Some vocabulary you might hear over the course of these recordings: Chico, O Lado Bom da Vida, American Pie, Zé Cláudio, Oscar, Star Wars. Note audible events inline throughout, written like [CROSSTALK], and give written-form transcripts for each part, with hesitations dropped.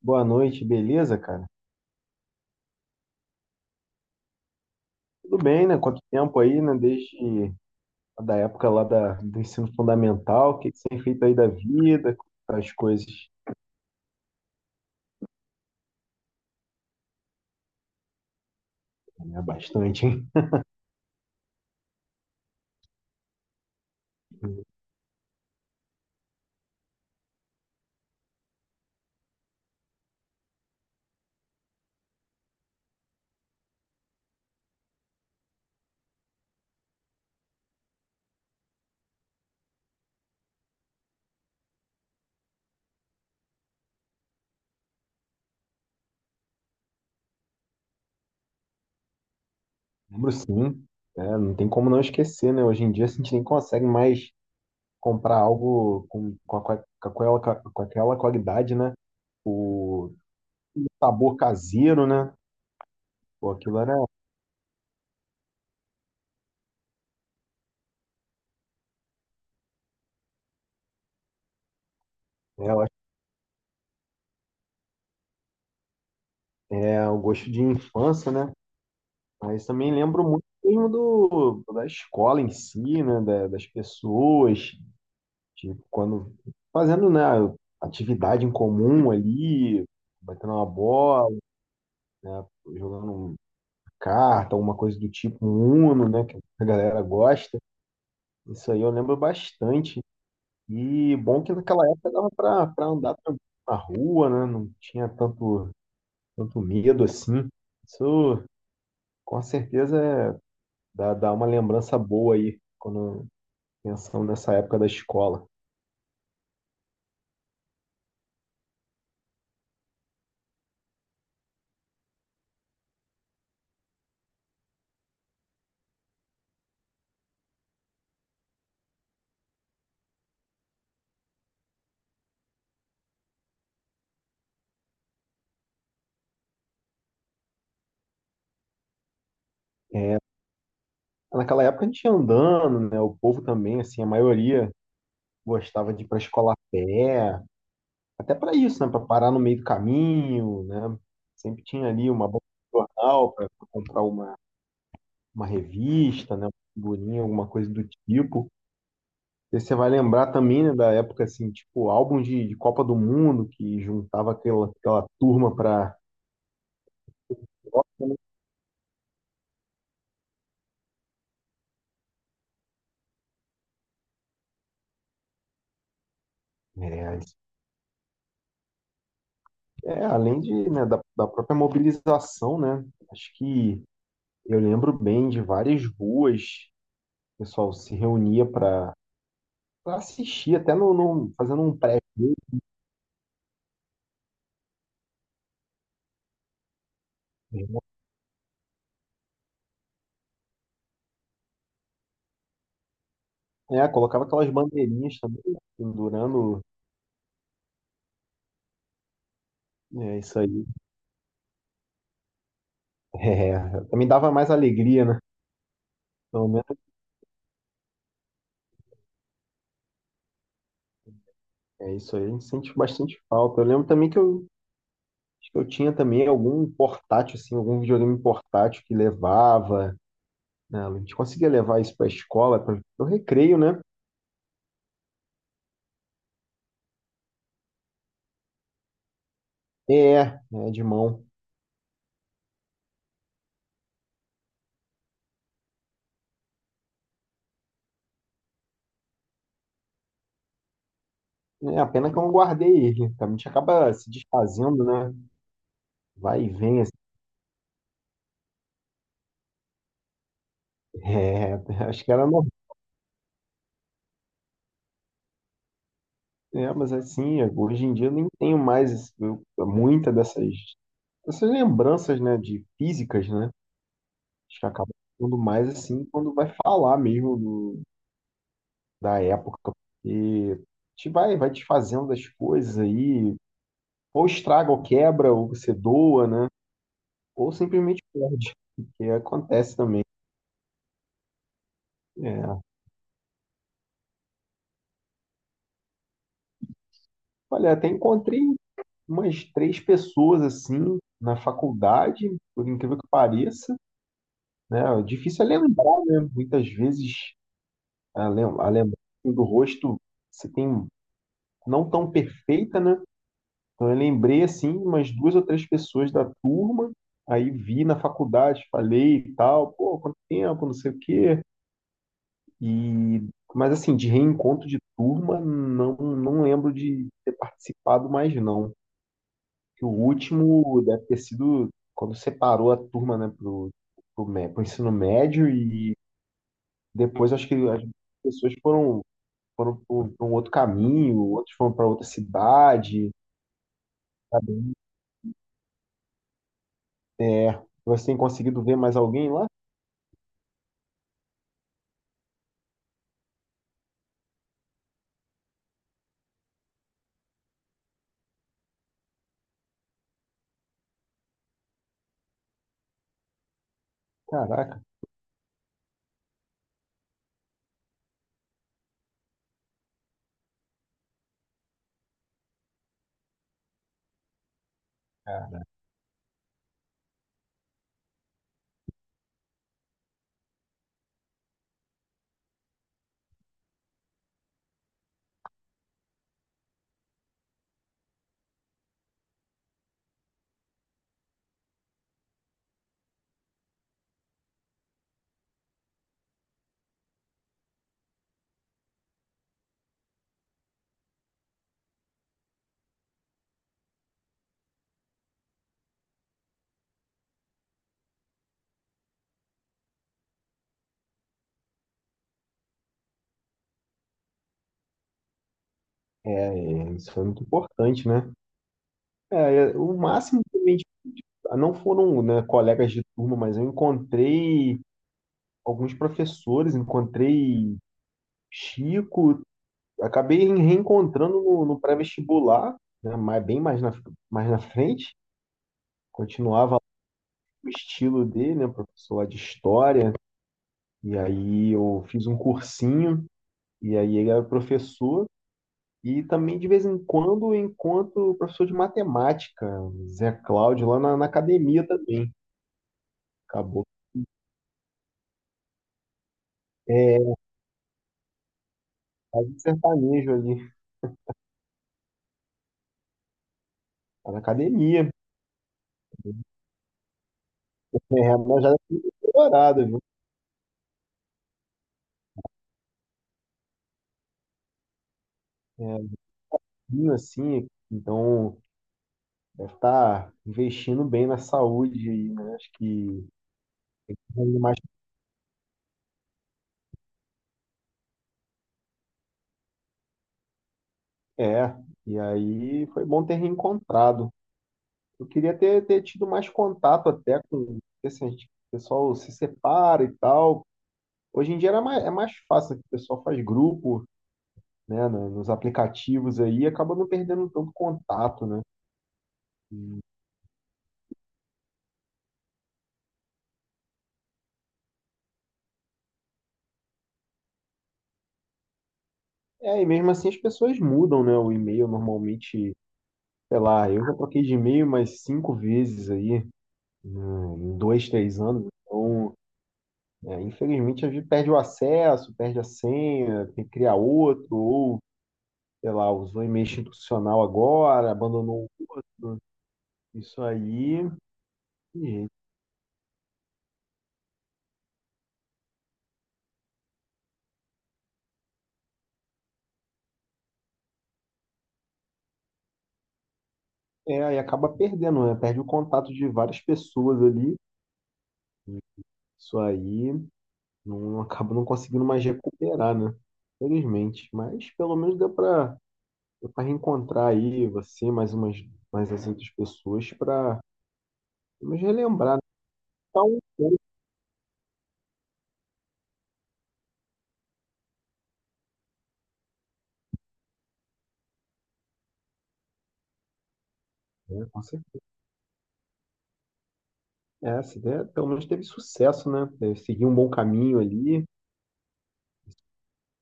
Boa noite, beleza, cara? Tudo bem, né? Quanto tempo aí, né? Desde a da época lá do ensino fundamental, o que que você tem feito aí da vida, tá as coisas, né? Bastante, hein? Lembro sim, né? Não tem como não esquecer, né? Hoje em dia a gente nem consegue mais comprar algo com aquela qualidade, né? O sabor caseiro, né? Pô, aquilo era, é, é o gosto de infância, né? Mas também lembro muito mesmo da escola em si, né? Das pessoas, tipo, quando fazendo, né, atividade em comum ali, batendo uma bola, né, jogando um- carta, alguma coisa do tipo, um Uno, né, que a galera gosta. Isso aí eu lembro bastante. E bom que naquela época dava para andar tranquilo na rua, né? Não tinha tanto medo assim. Isso com certeza é- Dá, dá uma lembrança boa aí quando pensando nessa época da escola. Naquela época a gente ia andando, né? O povo também, assim, a maioria gostava de ir para a escola a pé, até para isso, né? Para parar no meio do caminho, né? Sempre tinha ali uma banca de jornal para comprar uma revista, né? Uma figurinha, alguma coisa do tipo. E você vai lembrar também, né, da época, assim, tipo, álbum de Copa do Mundo, que juntava aquela, aquela turma para. É, é, além de, né, da própria mobilização, né? Acho que eu lembro bem de várias ruas, o pessoal se reunia para assistir, até fazendo um pré. É, colocava aquelas bandeirinhas também, pendurando. É isso aí. [LAUGHS] É, também dava mais alegria, né? Pelo menos é isso aí. A gente sente bastante falta. Eu lembro também acho que eu tinha também algum portátil, assim, algum videogame portátil que levava, né? A gente conseguia levar isso para a escola, para o recreio, né? É, é de mão. É, a pena que eu não guardei ele. A gente acaba se desfazendo, né? Vai e vem assim. É, [LAUGHS] acho que era normal. É, mas assim, hoje em dia eu nem tenho mais muita dessas, dessas lembranças, né? De físicas, né? Acho que acaba ficando mais assim quando vai falar mesmo da época. E a gente vai desfazendo das coisas aí. Ou estraga, ou quebra, ou você doa, né? Ou simplesmente perde, que acontece também. É. Olha, até encontrei umas três pessoas assim na faculdade, por incrível que pareça, né? É difícil é lembrar, né? Muitas vezes a a lembrança do rosto se tem não tão perfeita, né? Então eu lembrei assim umas duas ou três pessoas da turma, aí vi na faculdade, falei e tal, pô, quanto tempo, não sei o quê. E mas assim, de reencontro de turma, não lembro de ter participado mais não. Que o último deve ter sido quando separou a turma, né, pro, pro ensino médio e depois acho que as pessoas foram para um outro caminho, outros foram para outra cidade. É, você tem conseguido ver mais alguém lá? Caraca, cara, é, é, isso foi muito importante, né? É, o máximo ah, não foram, né, colegas de turma, mas eu encontrei alguns professores, encontrei Chico, acabei reencontrando no pré-vestibular, né, bem mais na frente. Continuava o estilo dele, né, professor lá de história. E aí eu fiz um cursinho, e aí ele era professor. E também, de vez em quando, eu encontro o professor de matemática, Zé Cláudio, lá na academia também. Acabou. É, faz um sertanejo ali, tá na academia. É, mas já é colorado, viu? É, vinho assim, então deve estar investindo bem na saúde aí, né? Acho que ainda mais é. E aí foi bom ter reencontrado. Eu queria ter tido mais contato até com esse gente, o pessoal se separa e tal. Hoje em dia é mais fácil, que o pessoal faz grupo, né, nos aplicativos aí, e acaba não perdendo tanto contato, né? É, e mesmo assim as pessoas mudam, né, o e-mail normalmente, sei lá, eu já troquei de e-mail umas 5 vezes aí, né, em dois, três anos, então é, infelizmente, a gente perde o acesso, perde a senha, tem que criar outro, ou, sei lá, usou e-mail institucional agora, abandonou isso aí, e, gente, é, aí acaba perdendo, né? Perde o contato de várias pessoas ali, isso aí não acaba não conseguindo mais recuperar, né? Infelizmente, mas pelo menos deu para reencontrar aí você, mais as outras pessoas para nos relembrar, né? Então, é, com é, essa ideia pelo menos teve sucesso, né? É, seguir um bom caminho ali,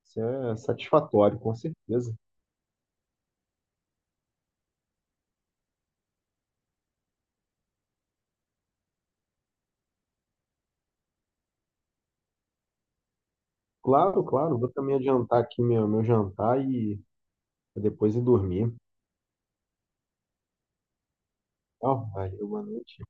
isso é satisfatório, com certeza. Claro, claro, vou também adiantar aqui meu jantar e depois ir dormir. Tchau, valeu, boa noite.